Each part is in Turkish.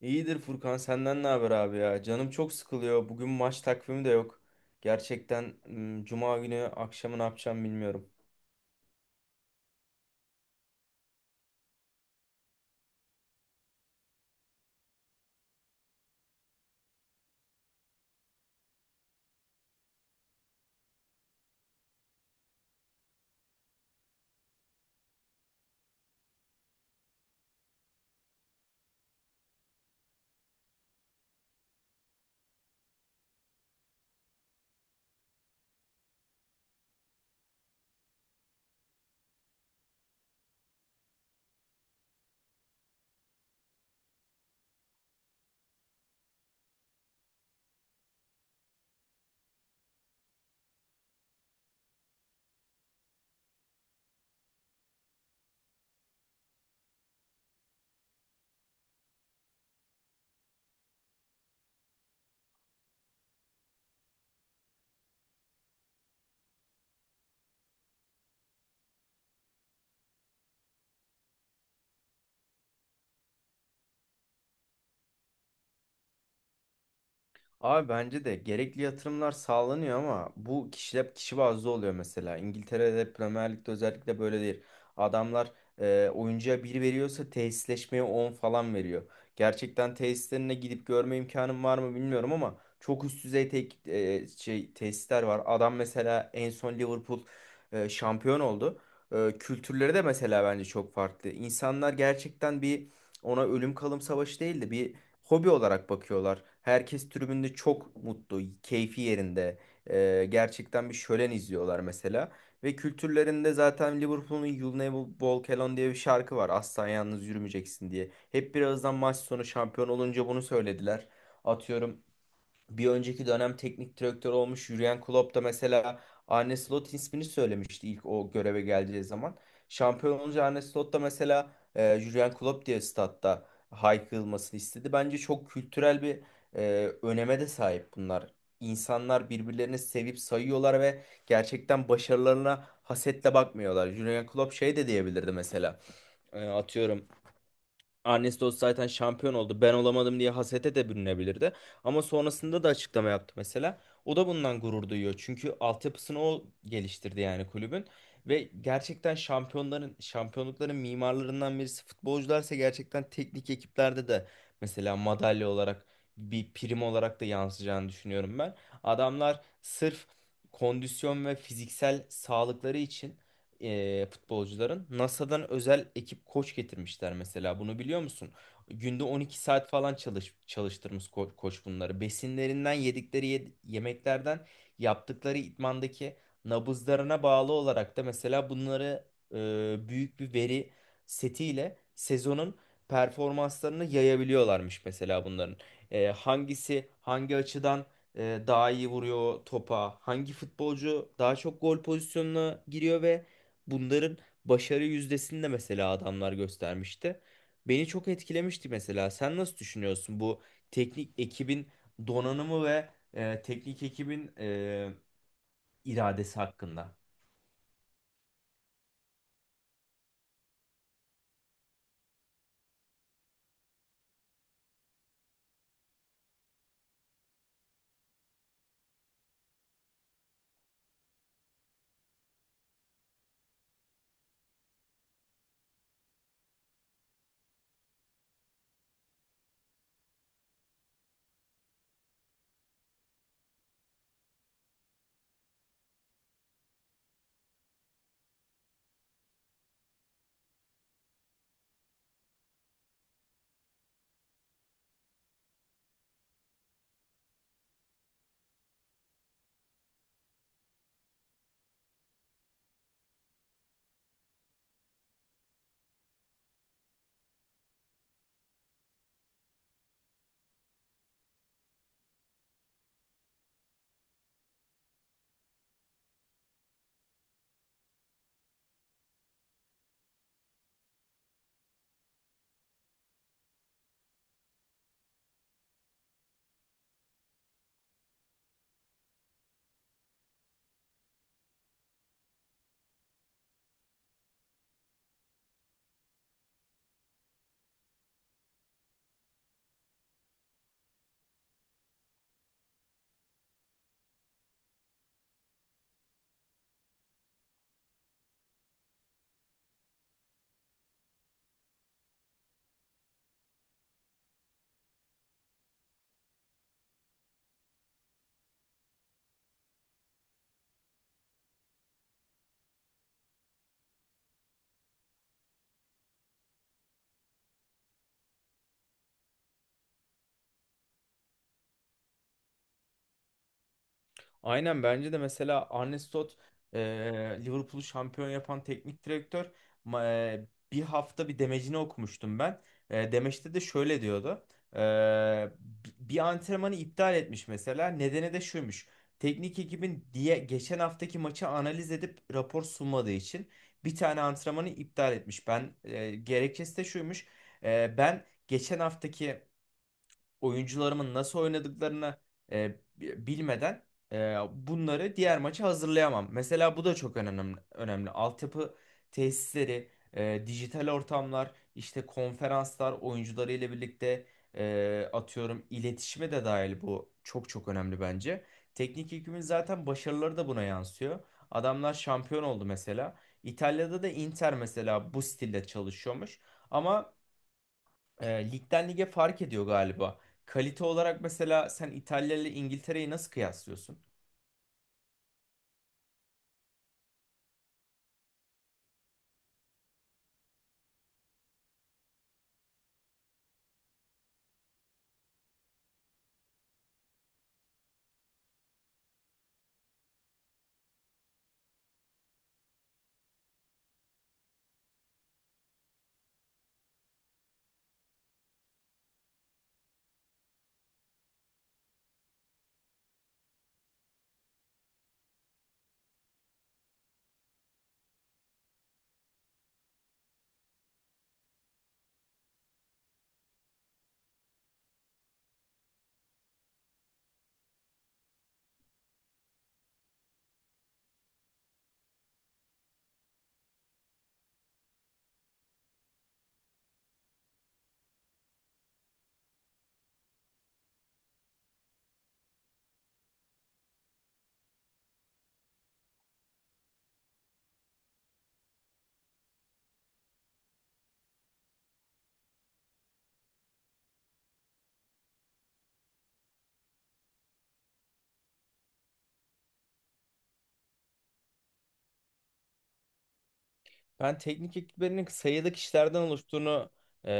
İyidir Furkan, senden ne haber abi ya? Canım çok sıkılıyor. Bugün maç takvimi de yok. Gerçekten Cuma günü akşamı ne yapacağım bilmiyorum. Abi bence de gerekli yatırımlar sağlanıyor ama bu kişiler kişi bazlı oluyor mesela. İngiltere'de Premier Lig'de özellikle böyle değil. Adamlar oyuncuya bir veriyorsa tesisleşmeye 10 falan veriyor. Gerçekten tesislerine gidip görme imkanım var mı bilmiyorum ama çok üst düzey şey tesisler var. Adam mesela en son Liverpool şampiyon oldu. Kültürleri de mesela bence çok farklı. İnsanlar gerçekten bir ona ölüm kalım savaşı değildi. Bir hobi olarak bakıyorlar. Herkes tribünde çok mutlu, keyfi yerinde. Gerçekten bir şölen izliyorlar mesela. Ve kültürlerinde zaten Liverpool'un You'll Never Walk Alone diye bir şarkı var. Asla yalnız yürümeyeceksin diye. Hep birazdan maç sonu şampiyon olunca bunu söylediler. Atıyorum, bir önceki dönem teknik direktör olmuş Jürgen Klopp da mesela Arne Slot ismini söylemişti ilk o göreve geldiği zaman. Şampiyon olunca Arne Slot da mesela Jürgen Klopp diye statta haykırılmasını istedi. Bence çok kültürel bir öneme de sahip bunlar. İnsanlar birbirlerini sevip sayıyorlar ve gerçekten başarılarına hasetle bakmıyorlar. Jürgen Klopp şey de diyebilirdi mesela. Atıyorum, Ernestos zaten şampiyon oldu. Ben olamadım diye hasete de bürünebilirdi. Ama sonrasında da açıklama yaptı mesela. O da bundan gurur duyuyor. Çünkü altyapısını o geliştirdi yani kulübün. Ve gerçekten şampiyonların, şampiyonlukların mimarlarından birisi futbolcularsa gerçekten teknik ekiplerde de mesela madalya olarak, bir prim olarak da yansıyacağını düşünüyorum ben. Adamlar sırf kondisyon ve fiziksel sağlıkları için futbolcuların NASA'dan özel ekip koç getirmişler mesela. Bunu biliyor musun? Günde 12 saat falan çalıştırmış koç bunları. Besinlerinden yemeklerden yaptıkları idmandaki nabızlarına bağlı olarak da mesela bunları e, büyük bir veri setiyle sezonun performanslarını yayabiliyorlarmış mesela bunların. Hangisi hangi açıdan daha iyi vuruyor topa, hangi futbolcu daha çok gol pozisyonuna giriyor ve bunların başarı yüzdesini de mesela adamlar göstermişti. Beni çok etkilemişti mesela. Sen nasıl düşünüyorsun bu teknik ekibin donanımı ve teknik ekibin iradesi hakkında? Aynen, bence de mesela Arne Slot e, Liverpool'u şampiyon yapan teknik direktör Ma- bir hafta bir demecini okumuştum ben. Demeçte de şöyle diyordu. E, Bir antrenmanı iptal etmiş mesela. Nedeni de şuymuş. Teknik ekibin diye geçen haftaki maçı analiz edip rapor sunmadığı için bir tane antrenmanı iptal etmiş. Gerekçesi de şuymuş. Ben geçen haftaki oyuncularımın nasıl oynadıklarını e, bilmeden bunları diğer maça hazırlayamam. Mesela bu da çok önemli. Altyapı tesisleri, dijital ortamlar, işte konferanslar, oyuncularıyla birlikte atıyorum iletişime de dahil, bu çok çok önemli bence. Teknik ekibimin zaten başarıları da buna yansıyor. Adamlar şampiyon oldu mesela. İtalya'da da Inter mesela bu stilde çalışıyormuş. Ama ligden lige fark ediyor galiba. Kalite olarak mesela sen İtalya ile İngiltere'yi nasıl kıyaslıyorsun? Ben teknik ekiplerinin sayıda e,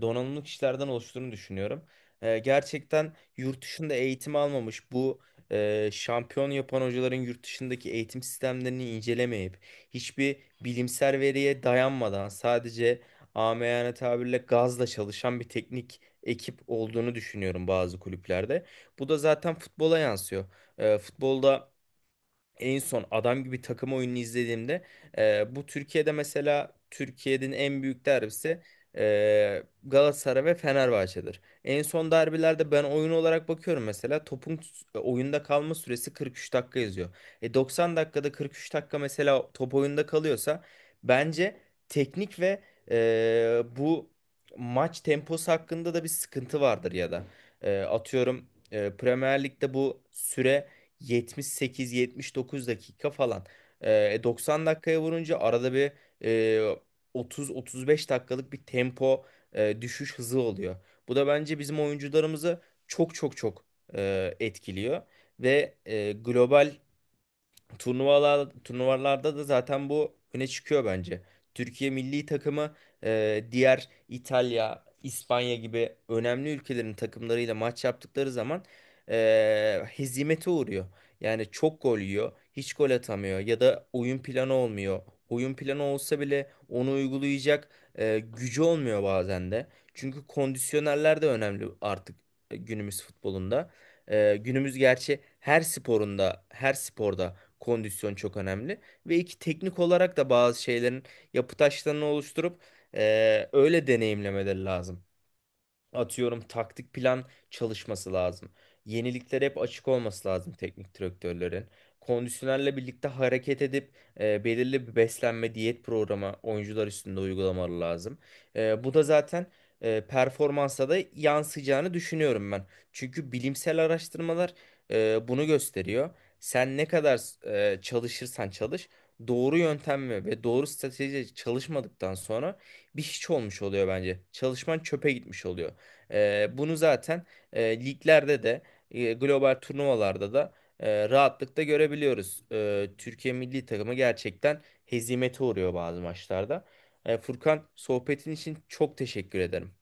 donanımlı kişilerden oluştuğunu düşünüyorum. Gerçekten yurt dışında eğitim almamış bu şampiyon yapan hocaların yurt dışındaki eğitim sistemlerini incelemeyip hiçbir bilimsel veriye dayanmadan sadece amiyane tabirle gazla çalışan bir teknik ekip olduğunu düşünüyorum bazı kulüplerde. Bu da zaten futbola yansıyor. Futbolda en son adam gibi takım oyununu izlediğimde, bu Türkiye'de mesela Türkiye'nin en büyük derbisi, Galatasaray ve Fenerbahçe'dir. En son derbilerde ben oyun olarak bakıyorum mesela topun oyunda kalma süresi 43 dakika yazıyor. E 90 dakikada 43 dakika mesela top oyunda kalıyorsa bence teknik ve bu maç temposu hakkında da bir sıkıntı vardır ya da atıyorum Premier Lig'de bu süre 78-79 dakika falan. 90 dakikaya vurunca arada bir e, 30-35 dakikalık bir tempo düşüş hızı oluyor. Bu da bence bizim oyuncularımızı çok çok çok etkiliyor ve global turnuvalarda da zaten bu öne çıkıyor bence. Türkiye milli takımı diğer İtalya, İspanya gibi önemli ülkelerin takımlarıyla maç yaptıkları zaman hezimete uğruyor. Yani çok gol yiyor, hiç gol atamıyor ya da oyun planı olmuyor. Oyun planı olsa bile onu uygulayacak gücü olmuyor bazen de. Çünkü kondisyonerler de önemli artık günümüz futbolunda. Günümüz gerçi her sporunda, her sporda kondisyon çok önemli. Ve iki teknik olarak da bazı şeylerin yapı taşlarını oluşturup öyle deneyimlemeleri lazım, atıyorum taktik plan çalışması lazım. Yeniliklere hep açık olması lazım teknik direktörlerin. Kondisyonerle birlikte hareket edip belirli bir beslenme diyet programı oyuncular üstünde uygulamaları lazım. Bu da zaten performansa da yansıyacağını düşünüyorum ben. Çünkü bilimsel araştırmalar bunu gösteriyor. Sen ne kadar çalışırsan çalış, doğru yöntemle ve doğru stratejiyle çalışmadıktan sonra bir hiç olmuş oluyor bence. Çalışman çöpe gitmiş oluyor. Bunu zaten liglerde de global turnuvalarda da rahatlıkla görebiliyoruz. Türkiye milli takımı gerçekten hezimete uğruyor bazı maçlarda. Furkan, sohbetin için çok teşekkür ederim.